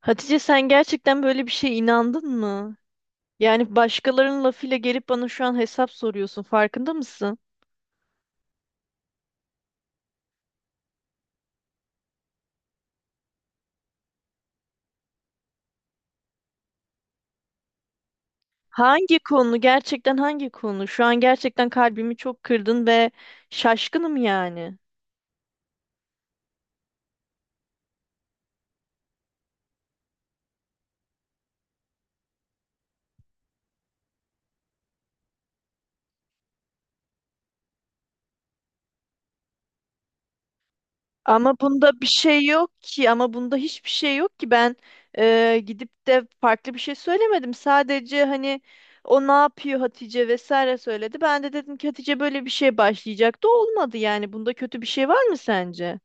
Hatice, sen gerçekten böyle bir şeye inandın mı? Yani başkalarının lafıyla gelip bana şu an hesap soruyorsun. Farkında mısın? Hangi konu? Gerçekten hangi konu? Şu an gerçekten kalbimi çok kırdın ve şaşkınım yani. Ama bunda bir şey yok ki. Ama bunda hiçbir şey yok ki. Ben gidip de farklı bir şey söylemedim. Sadece hani o ne yapıyor Hatice vesaire söyledi. Ben de dedim ki Hatice böyle bir şey başlayacaktı. Olmadı yani. Bunda kötü bir şey var mı sence?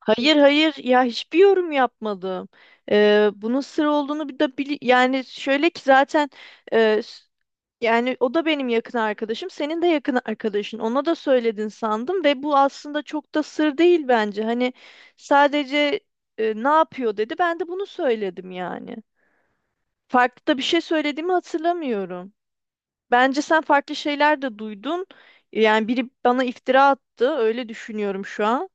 Hayır hayır ya hiçbir yorum yapmadım. Bunun sır olduğunu bir de yani şöyle ki zaten e, s- yani o da benim yakın arkadaşım, senin de yakın arkadaşın. Ona da söyledin sandım ve bu aslında çok da sır değil bence. Hani sadece ne yapıyor dedi. Ben de bunu söyledim yani. Farklı da bir şey söylediğimi hatırlamıyorum. Bence sen farklı şeyler de duydun. Yani biri bana iftira attı. Öyle düşünüyorum şu an.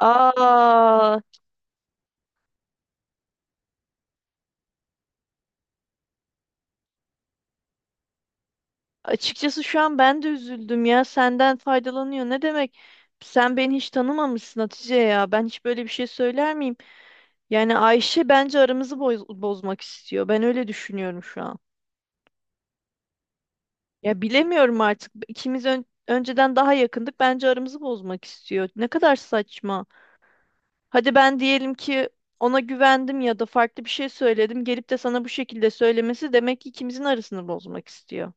Aa, açıkçası şu an ben de üzüldüm ya. Senden faydalanıyor. Ne demek? Sen beni hiç tanımamışsın Hatice ya. Ben hiç böyle bir şey söyler miyim? Yani Ayşe bence aramızı bozmak istiyor. Ben öyle düşünüyorum şu an. Ya bilemiyorum artık. İkimiz önceden daha yakındık. Bence aramızı bozmak istiyor. Ne kadar saçma. Hadi ben diyelim ki ona güvendim ya da farklı bir şey söyledim. Gelip de sana bu şekilde söylemesi demek ki ikimizin arasını bozmak istiyor.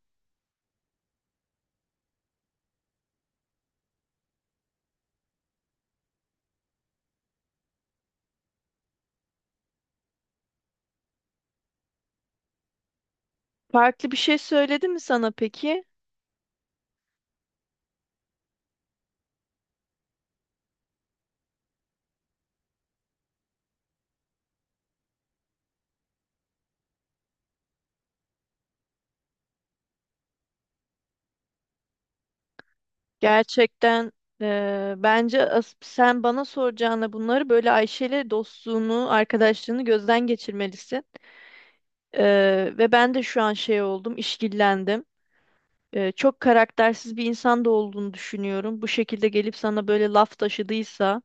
Farklı bir şey söyledi mi sana peki? Gerçekten bence sen bana soracağına bunları böyle Ayşe'yle dostluğunu, arkadaşlığını gözden geçirmelisin. Ve ben de şu an şey oldum, işkillendim. Çok karaktersiz bir insan da olduğunu düşünüyorum. Bu şekilde gelip sana böyle laf taşıdıysa.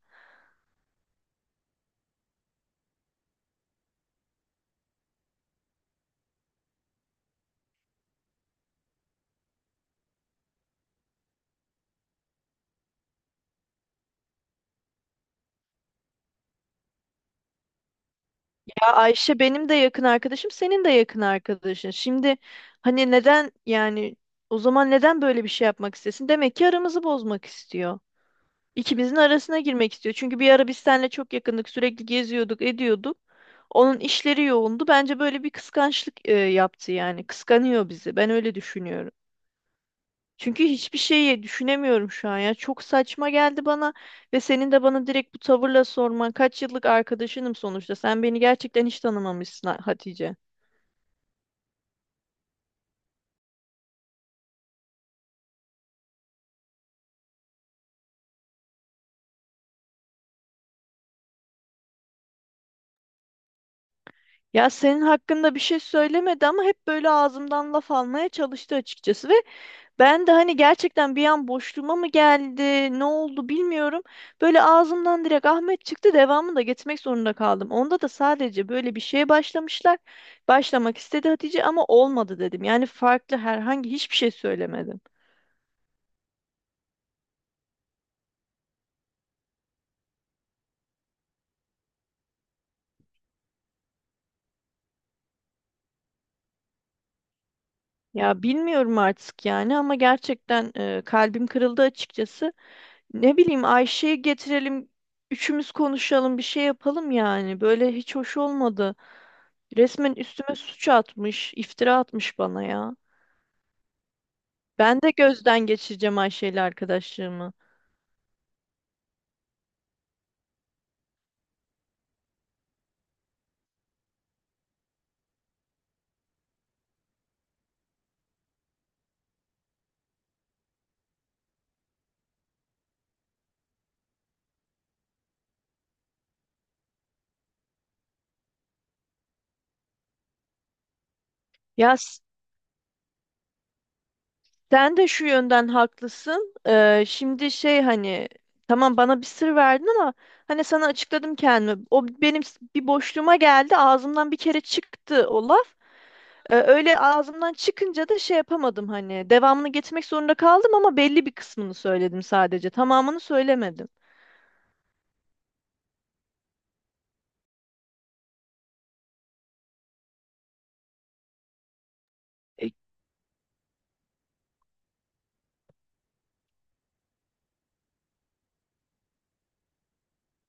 Ya Ayşe benim de yakın arkadaşım, senin de yakın arkadaşın. Şimdi hani neden yani o zaman neden böyle bir şey yapmak istesin? Demek ki aramızı bozmak istiyor. İkimizin arasına girmek istiyor. Çünkü bir ara biz seninle çok yakındık. Sürekli geziyorduk, ediyorduk. Onun işleri yoğundu. Bence böyle bir kıskançlık yaptı yani. Kıskanıyor bizi. Ben öyle düşünüyorum. Çünkü hiçbir şeyi düşünemiyorum şu an ya. Çok saçma geldi bana ve senin de bana direkt bu tavırla sorman. Kaç yıllık arkadaşınım sonuçta. Sen beni gerçekten hiç tanımamışsın Hatice. Ya senin hakkında bir şey söylemedi ama hep böyle ağzımdan laf almaya çalıştı açıkçası ve ben de hani gerçekten bir an boşluğuma mı geldi, ne oldu bilmiyorum. Böyle ağzımdan direkt Ahmet çıktı, devamını da getirmek zorunda kaldım. Onda da sadece böyle bir şeye başlamışlar. Başlamak istedi Hatice ama olmadı dedim. Yani farklı herhangi hiçbir şey söylemedim. Ya bilmiyorum artık yani ama gerçekten kalbim kırıldı açıkçası. Ne bileyim Ayşe'yi getirelim, üçümüz konuşalım, bir şey yapalım yani. Böyle hiç hoş olmadı. Resmen üstüme suç atmış, iftira atmış bana ya. Ben de gözden geçireceğim Ayşe ile arkadaşlığımı. Ya s- sen de şu yönden haklısın. Şimdi şey hani tamam bana bir sır verdin ama hani sana açıkladım kendimi. O benim bir boşluğuma geldi. Ağzımdan bir kere çıktı o laf. Öyle ağzımdan çıkınca da şey yapamadım hani. Devamını getirmek zorunda kaldım ama belli bir kısmını söyledim sadece. Tamamını söylemedim. E,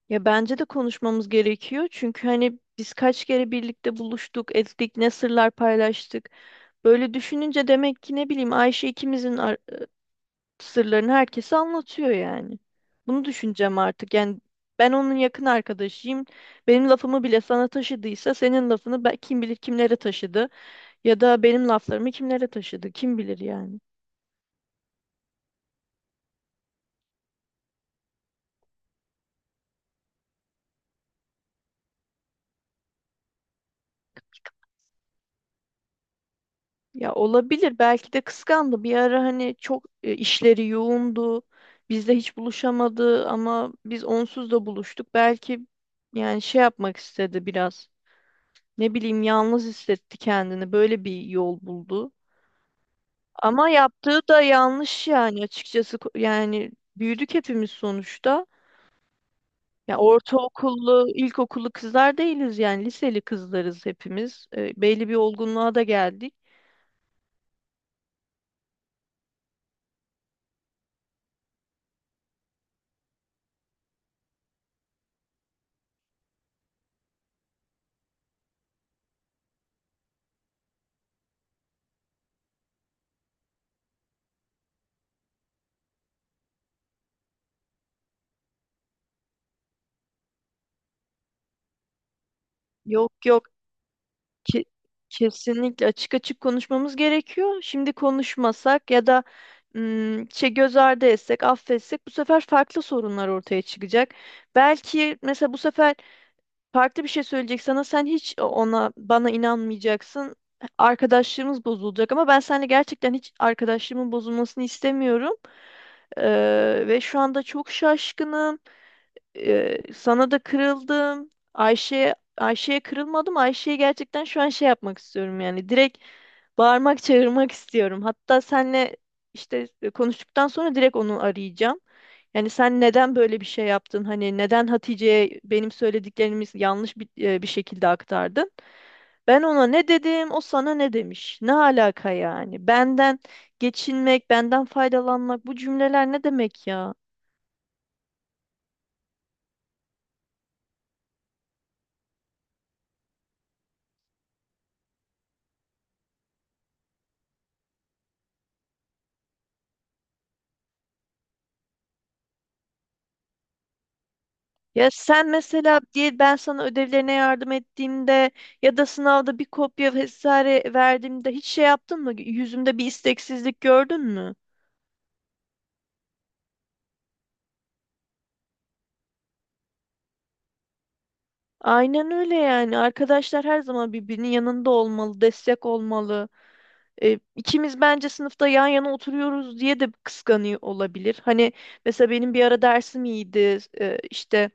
ya bence de konuşmamız gerekiyor. Çünkü hani biz kaç kere birlikte buluştuk, ettik, ne sırlar paylaştık. Böyle düşününce demek ki ne bileyim Ayşe ikimizin sırlarını herkese anlatıyor yani. Bunu düşüneceğim artık. Yani ben onun yakın arkadaşıyım. Benim lafımı bile sana taşıdıysa senin lafını ben, kim bilir kimlere taşıdı ya da benim laflarımı kimlere taşıdı kim bilir yani. Ya olabilir belki de kıskandı. Bir ara hani çok işleri yoğundu. Bizle hiç buluşamadı ama biz onsuz da buluştuk. Belki yani şey yapmak istedi biraz. Ne bileyim yalnız hissetti kendini. Böyle bir yol buldu. Ama yaptığı da yanlış yani açıkçası. Yani büyüdük hepimiz sonuçta. Ya ortaokullu, ilkokullu kızlar değiliz yani liseli kızlarız hepimiz. E, belli bir olgunluğa da geldik. Yok yok ki, kesinlikle açık açık konuşmamız gerekiyor. Şimdi konuşmasak ya da şey göz ardı etsek, affetsek bu sefer farklı sorunlar ortaya çıkacak. Belki mesela bu sefer farklı bir şey söyleyecek sana. Sen hiç ona bana inanmayacaksın. Arkadaşlığımız bozulacak ama ben seninle gerçekten hiç arkadaşlığımın bozulmasını istemiyorum. Ve şu anda çok şaşkınım. Sana da kırıldım. Ayşe'ye kırılmadım. Ayşe'ye gerçekten şu an şey yapmak istiyorum yani. Direkt bağırmak, çağırmak istiyorum. Hatta senle işte konuştuktan sonra direkt onu arayacağım. Yani sen neden böyle bir şey yaptın? Hani neden Hatice'ye benim söylediklerimiz yanlış bir, bir şekilde aktardın? Ben ona ne dedim, o sana ne demiş? Ne alaka yani? Benden geçinmek, benden faydalanmak bu cümleler ne demek ya? Ya sen mesela diye ben sana ödevlerine yardım ettiğimde ya da sınavda bir kopya vesaire verdiğimde hiç şey yaptın mı? Yüzümde bir isteksizlik gördün mü? Aynen öyle yani. Arkadaşlar her zaman birbirinin yanında olmalı, destek olmalı. E, ikimiz bence sınıfta yan yana oturuyoruz diye de kıskanıyor olabilir. Hani mesela benim bir ara dersim iyiydi. E, işte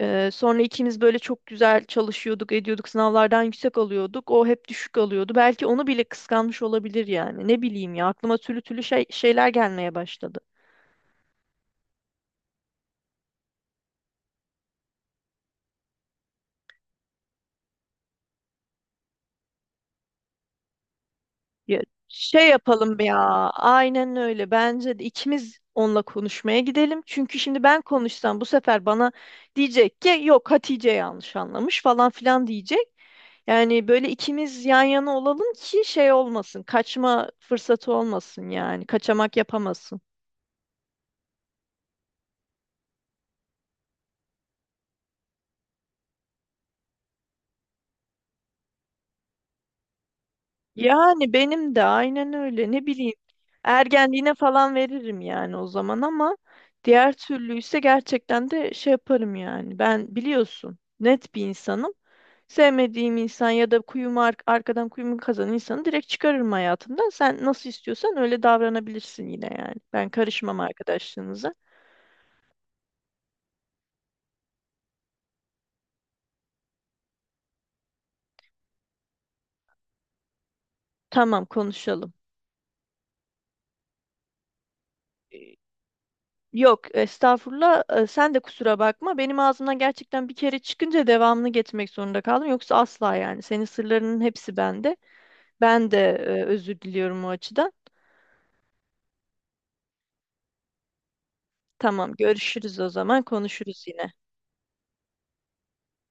ee, sonra ikimiz böyle çok güzel çalışıyorduk, ediyorduk, sınavlardan yüksek alıyorduk. O hep düşük alıyordu. Belki onu bile kıskanmış olabilir yani. Ne bileyim ya aklıma türlü türlü şey, şeyler gelmeye başladı. Ya, şey yapalım ya. Aynen öyle. Bence de ikimiz onunla konuşmaya gidelim. Çünkü şimdi ben konuşsam bu sefer bana diyecek ki yok Hatice yanlış anlamış falan filan diyecek. Yani böyle ikimiz yan yana olalım ki şey olmasın. Kaçma fırsatı olmasın yani. Kaçamak yapamasın. Yani benim de aynen öyle. Ne bileyim. Ergenliğine falan veririm yani o zaman ama diğer türlü ise gerçekten de şey yaparım yani. Ben biliyorsun net bir insanım. Sevmediğim insan ya da kuyumu arkadan kuyumu kazan insanı direkt çıkarırım hayatımdan. Sen nasıl istiyorsan öyle davranabilirsin yine yani. Ben karışmam arkadaşlığınıza. Tamam konuşalım. Yok, estağfurullah. Sen de kusura bakma. Benim ağzımdan gerçekten bir kere çıkınca devamını getirmek zorunda kaldım. Yoksa asla yani. Senin sırlarının hepsi bende. Ben de özür diliyorum o açıdan. Tamam, görüşürüz o zaman. Konuşuruz yine.